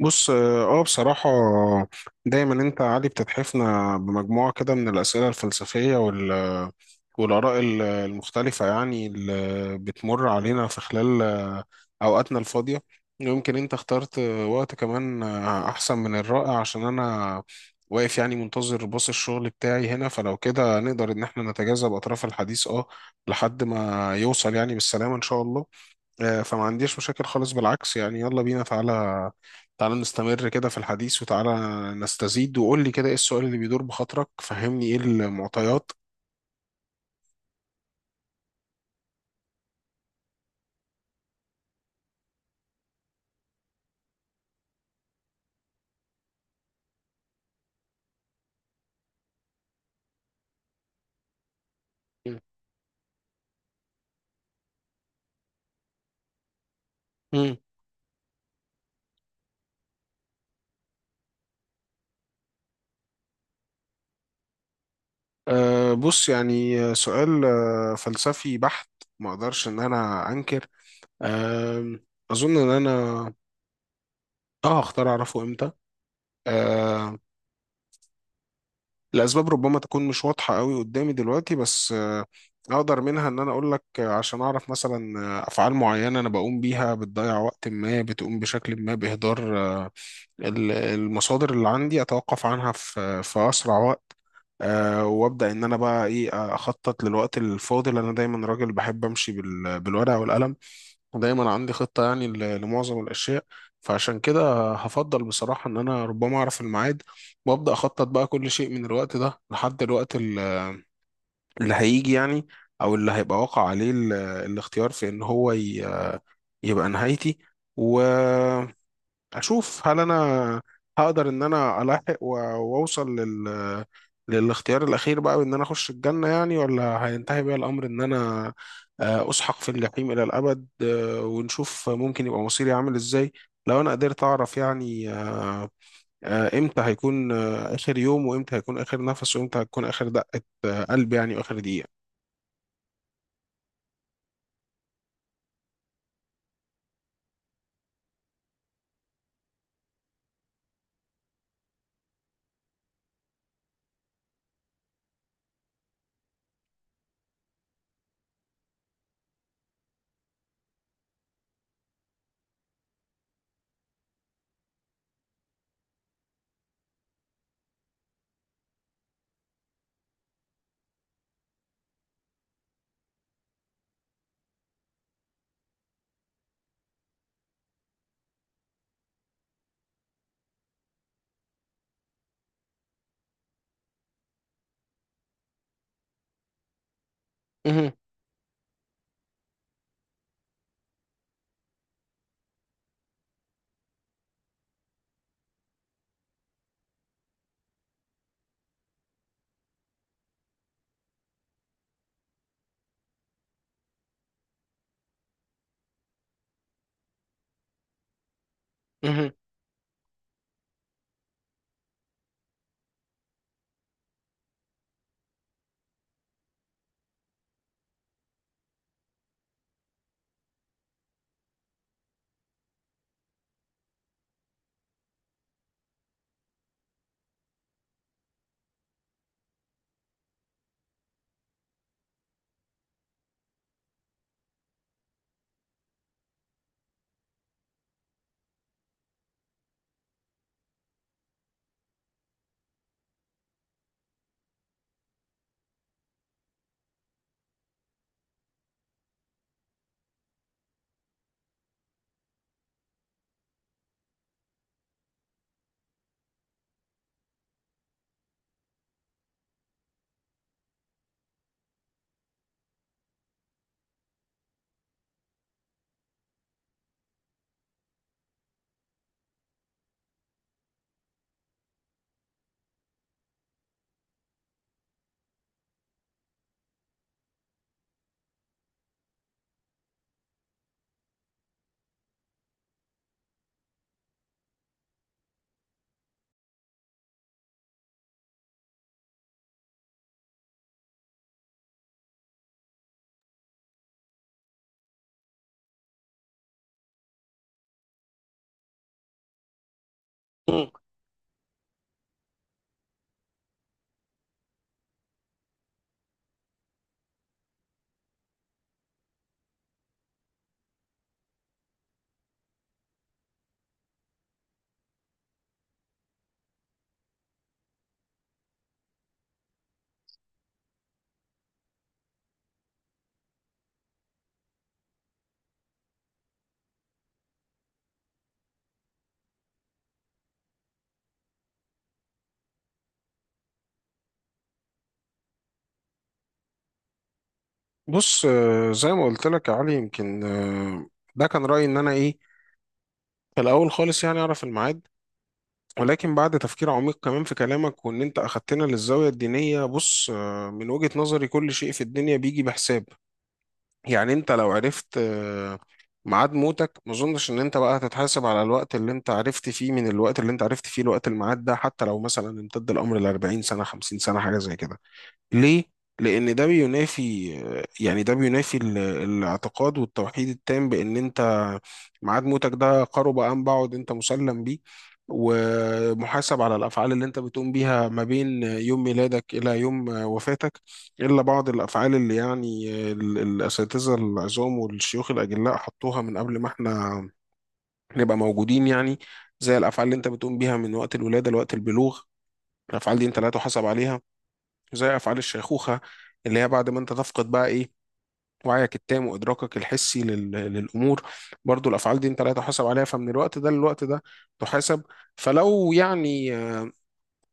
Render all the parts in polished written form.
بص بصراحة دايما انت عادي بتتحفنا بمجموعة كده من الأسئلة الفلسفية والآراء المختلفة يعني اللي بتمر علينا في خلال أوقاتنا الفاضية. يمكن أنت اخترت وقت كمان أحسن من الرائع، عشان أنا واقف يعني منتظر باص الشغل بتاعي هنا، فلو كده نقدر إن احنا نتجاذب أطراف الحديث لحد ما يوصل يعني بالسلامة إن شاء الله. فما عنديش مشاكل خالص، بالعكس يعني يلا بينا. تعالى تعالى نستمر كده في الحديث، وتعالى نستزيد، وقول لي كده ايه السؤال اللي بيدور بخاطرك، فهمني ايه المعطيات. مم. بص يعني سؤال فلسفي بحت. ما اقدرش ان انا انكر. أه اظن ان انا اه هختار اعرفه امتى. آه، الأسباب ربما تكون مش واضحة قوي قدامي دلوقتي، بس أقدر منها إن أنا أقول لك عشان أعرف مثلا أفعال معينة أنا بقوم بيها بتضيع وقت، ما بتقوم بشكل ما بإهدار المصادر اللي عندي، أتوقف عنها في أسرع وقت. وابدا ان انا بقى ايه، اخطط للوقت الفاضل. انا دايما راجل بحب امشي بالورقه والقلم. دايما عندي خطة يعني لمعظم الأشياء. فعشان كده هفضل بصراحة إن أنا ربما أعرف الميعاد، وأبدأ أخطط بقى كل شيء من الوقت ده لحد الوقت اللي هيجي يعني، أو اللي هيبقى واقع عليه الاختيار في إن هو يبقى نهايتي. و اشوف هل انا هقدر ان انا الحق واوصل للاختيار الاخير بقى، وان انا اخش الجنه يعني، ولا هينتهي بيا الامر ان انا اسحق في الجحيم الى الابد. ونشوف ممكن يبقى مصيري عامل ازاي لو انا قدرت اعرف يعني، امتى هيكون اخر يوم، وامتى هيكون اخر نفس، وامتى هتكون اخر دقه قلب يعني، واخر دقيقه. مهم. مهم. مم. بص زي ما قلت لك يا علي، يمكن ده كان رايي ان انا ايه، فالأول خالص يعني أعرف الميعاد. ولكن بعد تفكير عميق كمان في كلامك، وإن أنت أخدتنا للزاوية الدينية، بص من وجهة نظري كل شيء في الدنيا بيجي بحساب. يعني أنت لو عرفت ميعاد موتك، ما أظنش إن أنت بقى هتتحاسب على الوقت اللي أنت عرفت فيه، من الوقت اللي أنت عرفت فيه الوقت الميعاد ده، حتى لو مثلا امتد الأمر ل 40 سنة 50 سنة حاجة زي كده. ليه؟ لأن ده بينافي، يعني ده بينافي الاعتقاد والتوحيد التام بأن أنت ميعاد موتك ده قرب أم بعد، أنت مسلم بيه، ومحاسب على الأفعال اللي أنت بتقوم بيها ما بين يوم ميلادك إلى يوم وفاتك. إلا بعض الأفعال اللي يعني الأساتذة العظام والشيوخ الأجلاء حطوها من قبل ما إحنا نبقى موجودين يعني، زي الأفعال اللي أنت بتقوم بيها من وقت الولادة لوقت البلوغ، الأفعال دي أنت لا تحاسب عليها، زي أفعال الشيخوخة اللي هي بعد ما أنت تفقد بقى إيه، وعيك التام وإدراكك الحسي للأمور، برضو الأفعال دي أنت لا تحاسب عليها، فمن الوقت ده للوقت ده تحاسب. فلو يعني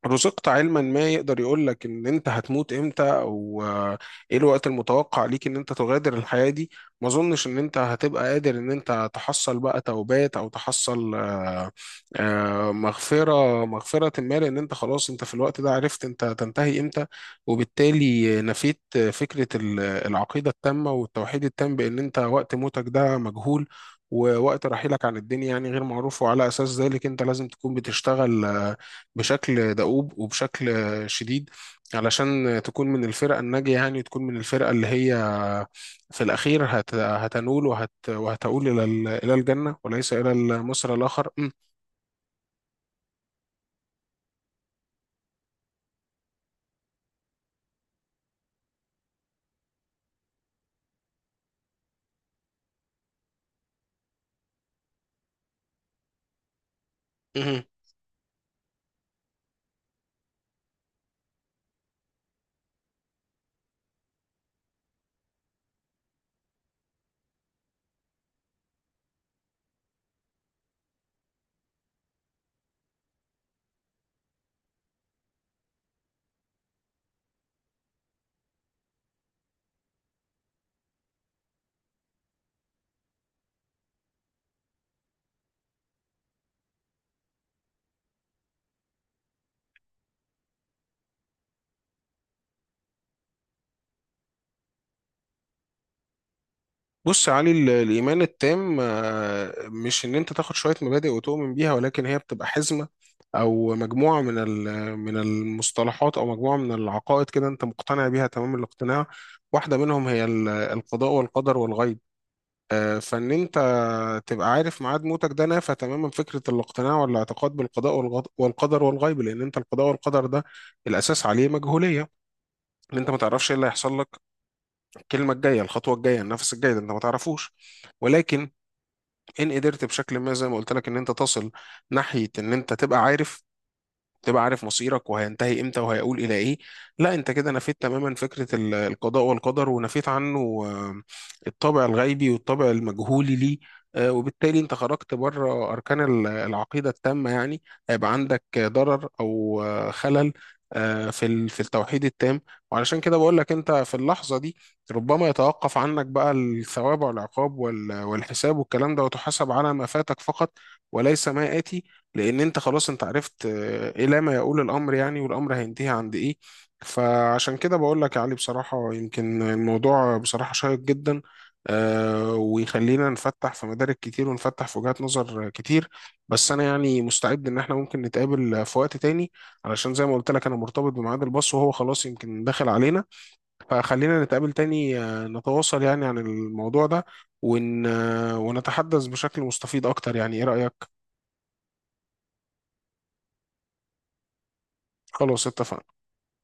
رزقت علما ما يقدر يقول لك ان انت هتموت امتى، او ايه الوقت المتوقع ليك ان انت تغادر الحياة دي، ما اظنش ان انت هتبقى قادر ان انت تحصل بقى توبات، او تحصل مغفرة مغفرة ما، لان انت خلاص انت في الوقت ده عرفت انت تنتهي امتى. وبالتالي نفيت فكرة العقيدة التامة والتوحيد التام بان انت وقت موتك ده مجهول، ووقت رحيلك عن الدنيا يعني غير معروف، وعلى اساس ذلك انت لازم تكون بتشتغل بشكل دؤوب وبشكل شديد، علشان تكون من الفرق الناجية يعني، وتكون من الفرقة اللي هي في الأخير هتنول وهتؤول إلى إلى الجنة، وليس إلى المصير الآخر. م- بص يا علي، الإيمان التام مش إن أنت تاخد شوية مبادئ وتؤمن بيها، ولكن هي بتبقى حزمة، أو مجموعة من من المصطلحات، أو مجموعة من العقائد كده أنت مقتنع بيها تمام الاقتناع. واحدة منهم هي القضاء والقدر والغيب. فان انت تبقى عارف ميعاد موتك ده نافى تماما فكرة الاقتناع والاعتقاد بالقضاء والقدر والغيب، لأن أنت القضاء والقدر ده الأساس عليه مجهولية، إن أنت ما تعرفش إيه اللي هيحصل لك، الكلمة الجاية الخطوة الجاية النفس الجاي ده أنت ما تعرفوش. ولكن إن قدرت بشكل ما زي ما قلت لك إن أنت تصل ناحية إن أنت تبقى عارف مصيرك وهينتهي امتى وهيقول الى ايه. لا انت كده نفيت تماما فكره القضاء والقدر، ونفيت عنه آه، الطابع الغيبي والطابع المجهولي ليه. وبالتالي انت خرجت بره اركان العقيده التامه يعني، هيبقى عندك ضرر او خلل في التوحيد التام. وعلشان كده بقول لك انت في اللحظه دي، ربما يتوقف عنك بقى الثواب والعقاب والحساب والكلام ده، وتحاسب على ما فاتك فقط، وليس ما آتي، لان انت خلاص انت عرفت الى ما يقول الامر يعني، والامر هينتهي عند ايه. فعشان كده بقول لك يا علي بصراحه، يمكن الموضوع بصراحه شيق جدا، ويخلينا نفتح في مدارك كتير ونفتح في وجهات نظر كتير. بس انا يعني مستعد ان احنا ممكن نتقابل في وقت تاني، علشان زي ما قلت لك انا مرتبط بميعاد الباص وهو خلاص يمكن داخل علينا. فخلينا نتقابل تاني، نتواصل يعني عن الموضوع ده، ون... آه، ونتحدث بشكل مستفيض اكتر. يعني ايه رأيك؟ خلاص اتفقنا.